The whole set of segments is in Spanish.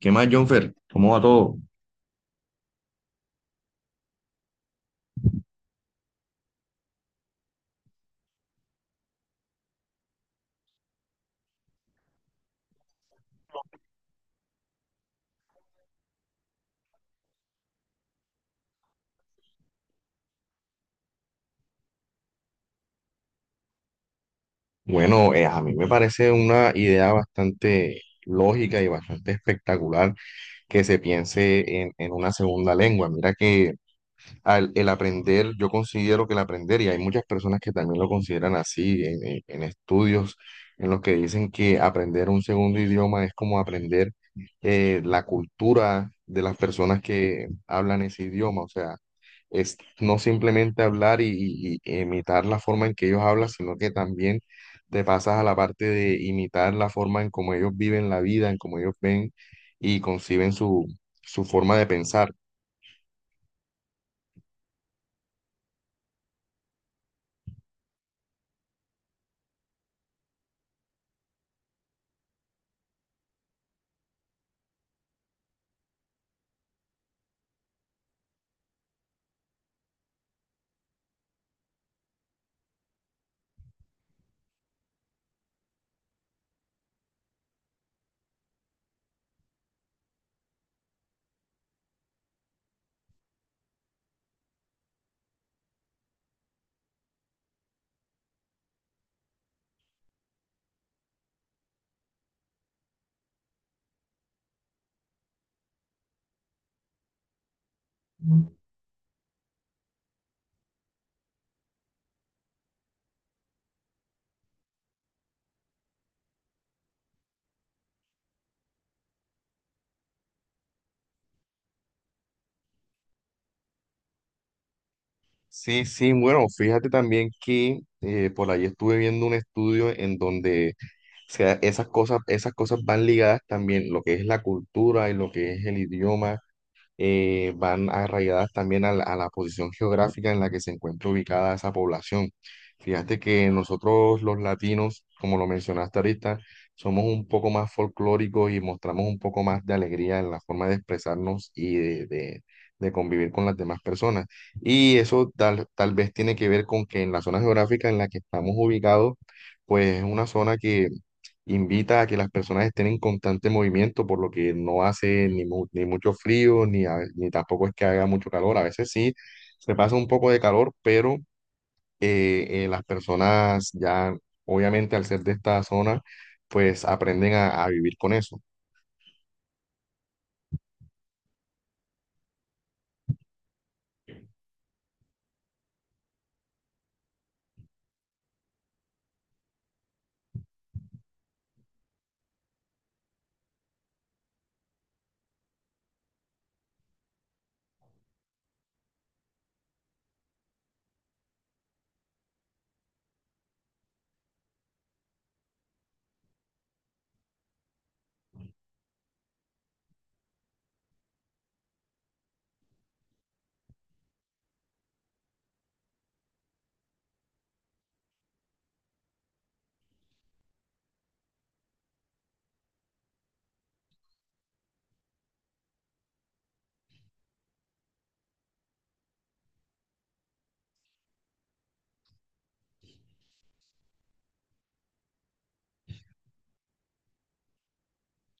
¿Qué más, Jonfer? ¿Cómo va todo? Bueno, a mí me parece una idea bastante lógica y bastante espectacular que se piense en una segunda lengua. Mira que el aprender, yo considero que el aprender, y hay muchas personas que también lo consideran así en estudios, en los que dicen que aprender un segundo idioma es como aprender la cultura de las personas que hablan ese idioma, o sea, es no simplemente hablar y imitar la forma en que ellos hablan, sino que también te pasas a la parte de imitar la forma en cómo ellos viven la vida, en cómo ellos ven y conciben su, su forma de pensar. Sí, sí, bueno, fíjate también que por ahí estuve viendo un estudio en donde, o sea, esas cosas van ligadas también, lo que es la cultura y lo que es el idioma, van arraigadas también a la posición geográfica en la que se encuentra ubicada esa población. Fíjate que nosotros los latinos, como lo mencionaste ahorita, somos un poco más folclóricos y mostramos un poco más de alegría en la forma de expresarnos y de de convivir con las demás personas. Y eso tal, tal vez tiene que ver con que en la zona geográfica en la que estamos ubicados, pues es una zona que invita a que las personas estén en constante movimiento, por lo que no hace ni mucho frío, ni tampoco es que haga mucho calor. A veces sí, se pasa un poco de calor, pero las personas ya, obviamente al ser de esta zona, pues aprenden a vivir con eso.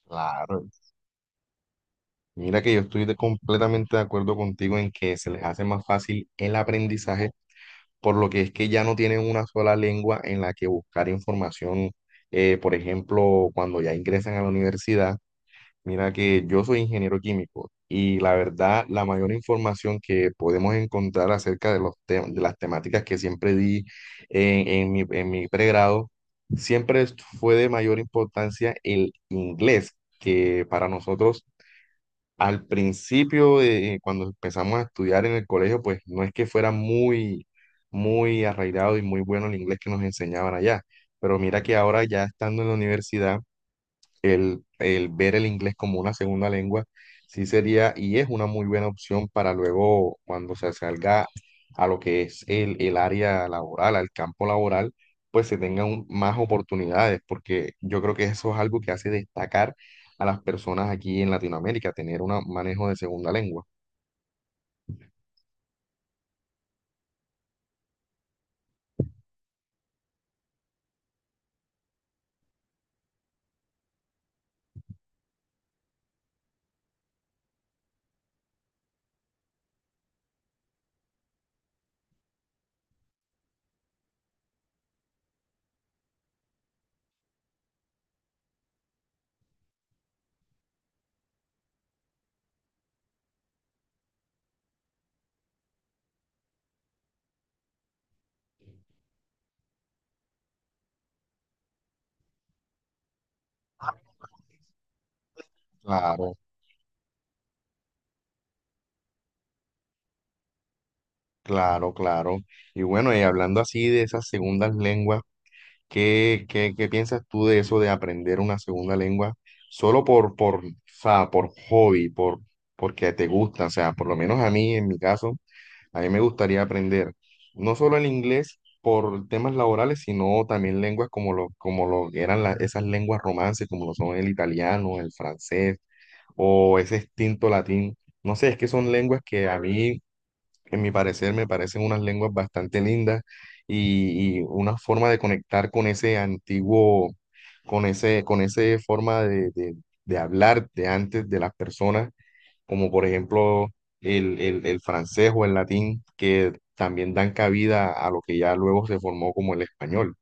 Claro. Mira que yo completamente de acuerdo contigo en que se les hace más fácil el aprendizaje por lo que es que ya no tienen una sola lengua en la que buscar información. Por ejemplo, cuando ya ingresan a la universidad, mira que yo soy ingeniero químico y la verdad, la mayor información que podemos encontrar acerca de de las temáticas que siempre di en mi pregrado, siempre fue de mayor importancia el inglés, que para nosotros al principio, de cuando empezamos a estudiar en el colegio, pues no es que fuera muy, muy arraigado y muy bueno el inglés que nos enseñaban allá, pero mira que ahora ya estando en la universidad, el ver el inglés como una segunda lengua, sí sería y es una muy buena opción para luego cuando se salga a lo que es el área laboral, al campo laboral, pues se tengan más oportunidades, porque yo creo que eso es algo que hace destacar a las personas aquí en Latinoamérica, tener un manejo de segunda lengua. Claro, claro, claro. Y bueno, y hablando así de esas segundas lenguas, ¿qué, qué, qué piensas tú de eso de aprender una segunda lengua solo o sea, por hobby, por, porque te gusta? O sea, por lo menos a mí, en mi caso, a mí me gustaría aprender no solo el inglés por temas laborales, sino también lenguas como lo que eran esas lenguas romances, como lo son el italiano, el francés o ese extinto latín. No sé, es que son lenguas que a mí en mi parecer me parecen unas lenguas bastante lindas y una forma de conectar con ese antiguo, con ese forma de, de hablar de antes de las personas, como por ejemplo el francés o el latín, que también dan cabida a lo que ya luego se formó como el español.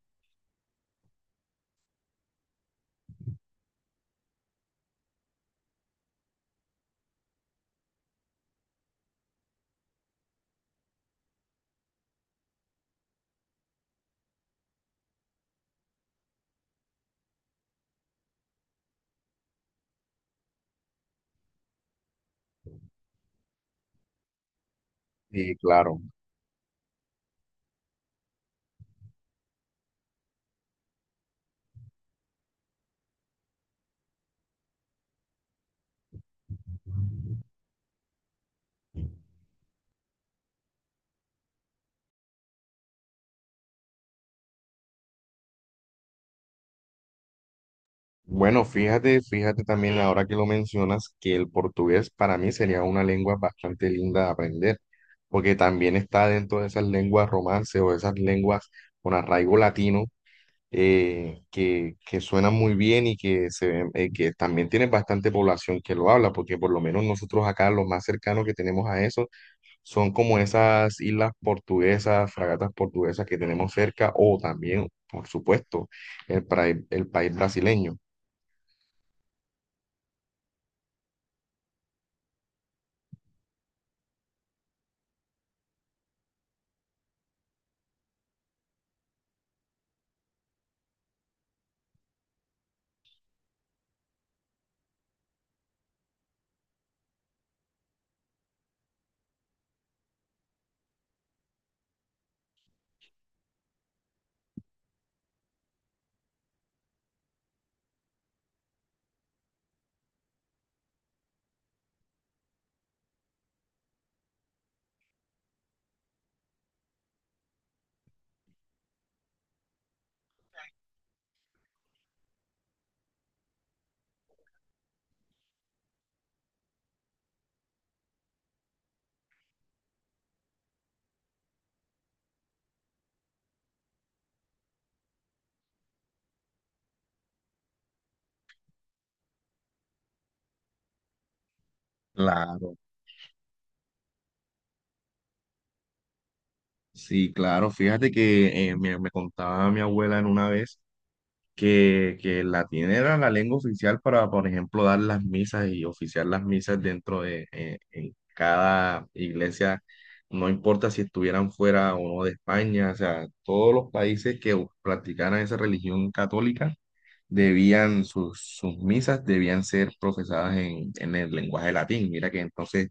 Y claro. Bueno, fíjate, fíjate también ahora que lo mencionas, que el portugués para mí sería una lengua bastante linda de aprender, porque también está dentro de esas lenguas romance o esas lenguas con arraigo latino, que suenan muy bien y que, que también tienen bastante población que lo habla, porque por lo menos nosotros acá lo más cercano que tenemos a eso son como esas islas portuguesas, fragatas portuguesas que tenemos cerca, o también, por supuesto, el país brasileño. Sí, claro, fíjate que me contaba mi abuela en una vez que el latín era la lengua oficial para, por ejemplo, dar las misas y oficiar las misas dentro de en cada iglesia, no importa si estuvieran fuera o no de España, o sea, todos los países que practicaran esa religión católica debían, sus, sus misas debían ser profesadas en el lenguaje latín. Mira que entonces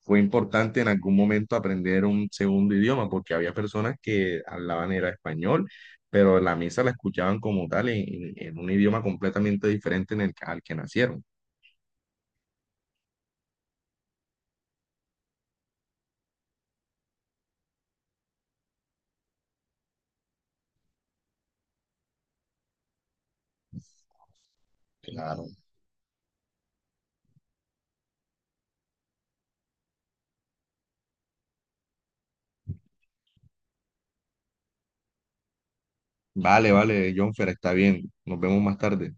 fue importante en algún momento aprender un segundo idioma, porque había personas que hablaban era español, pero la misa la escuchaban como tal en un idioma completamente diferente en el, al que nacieron. Claro. Vale, vale, Jonfer, está bien. Nos vemos más tarde.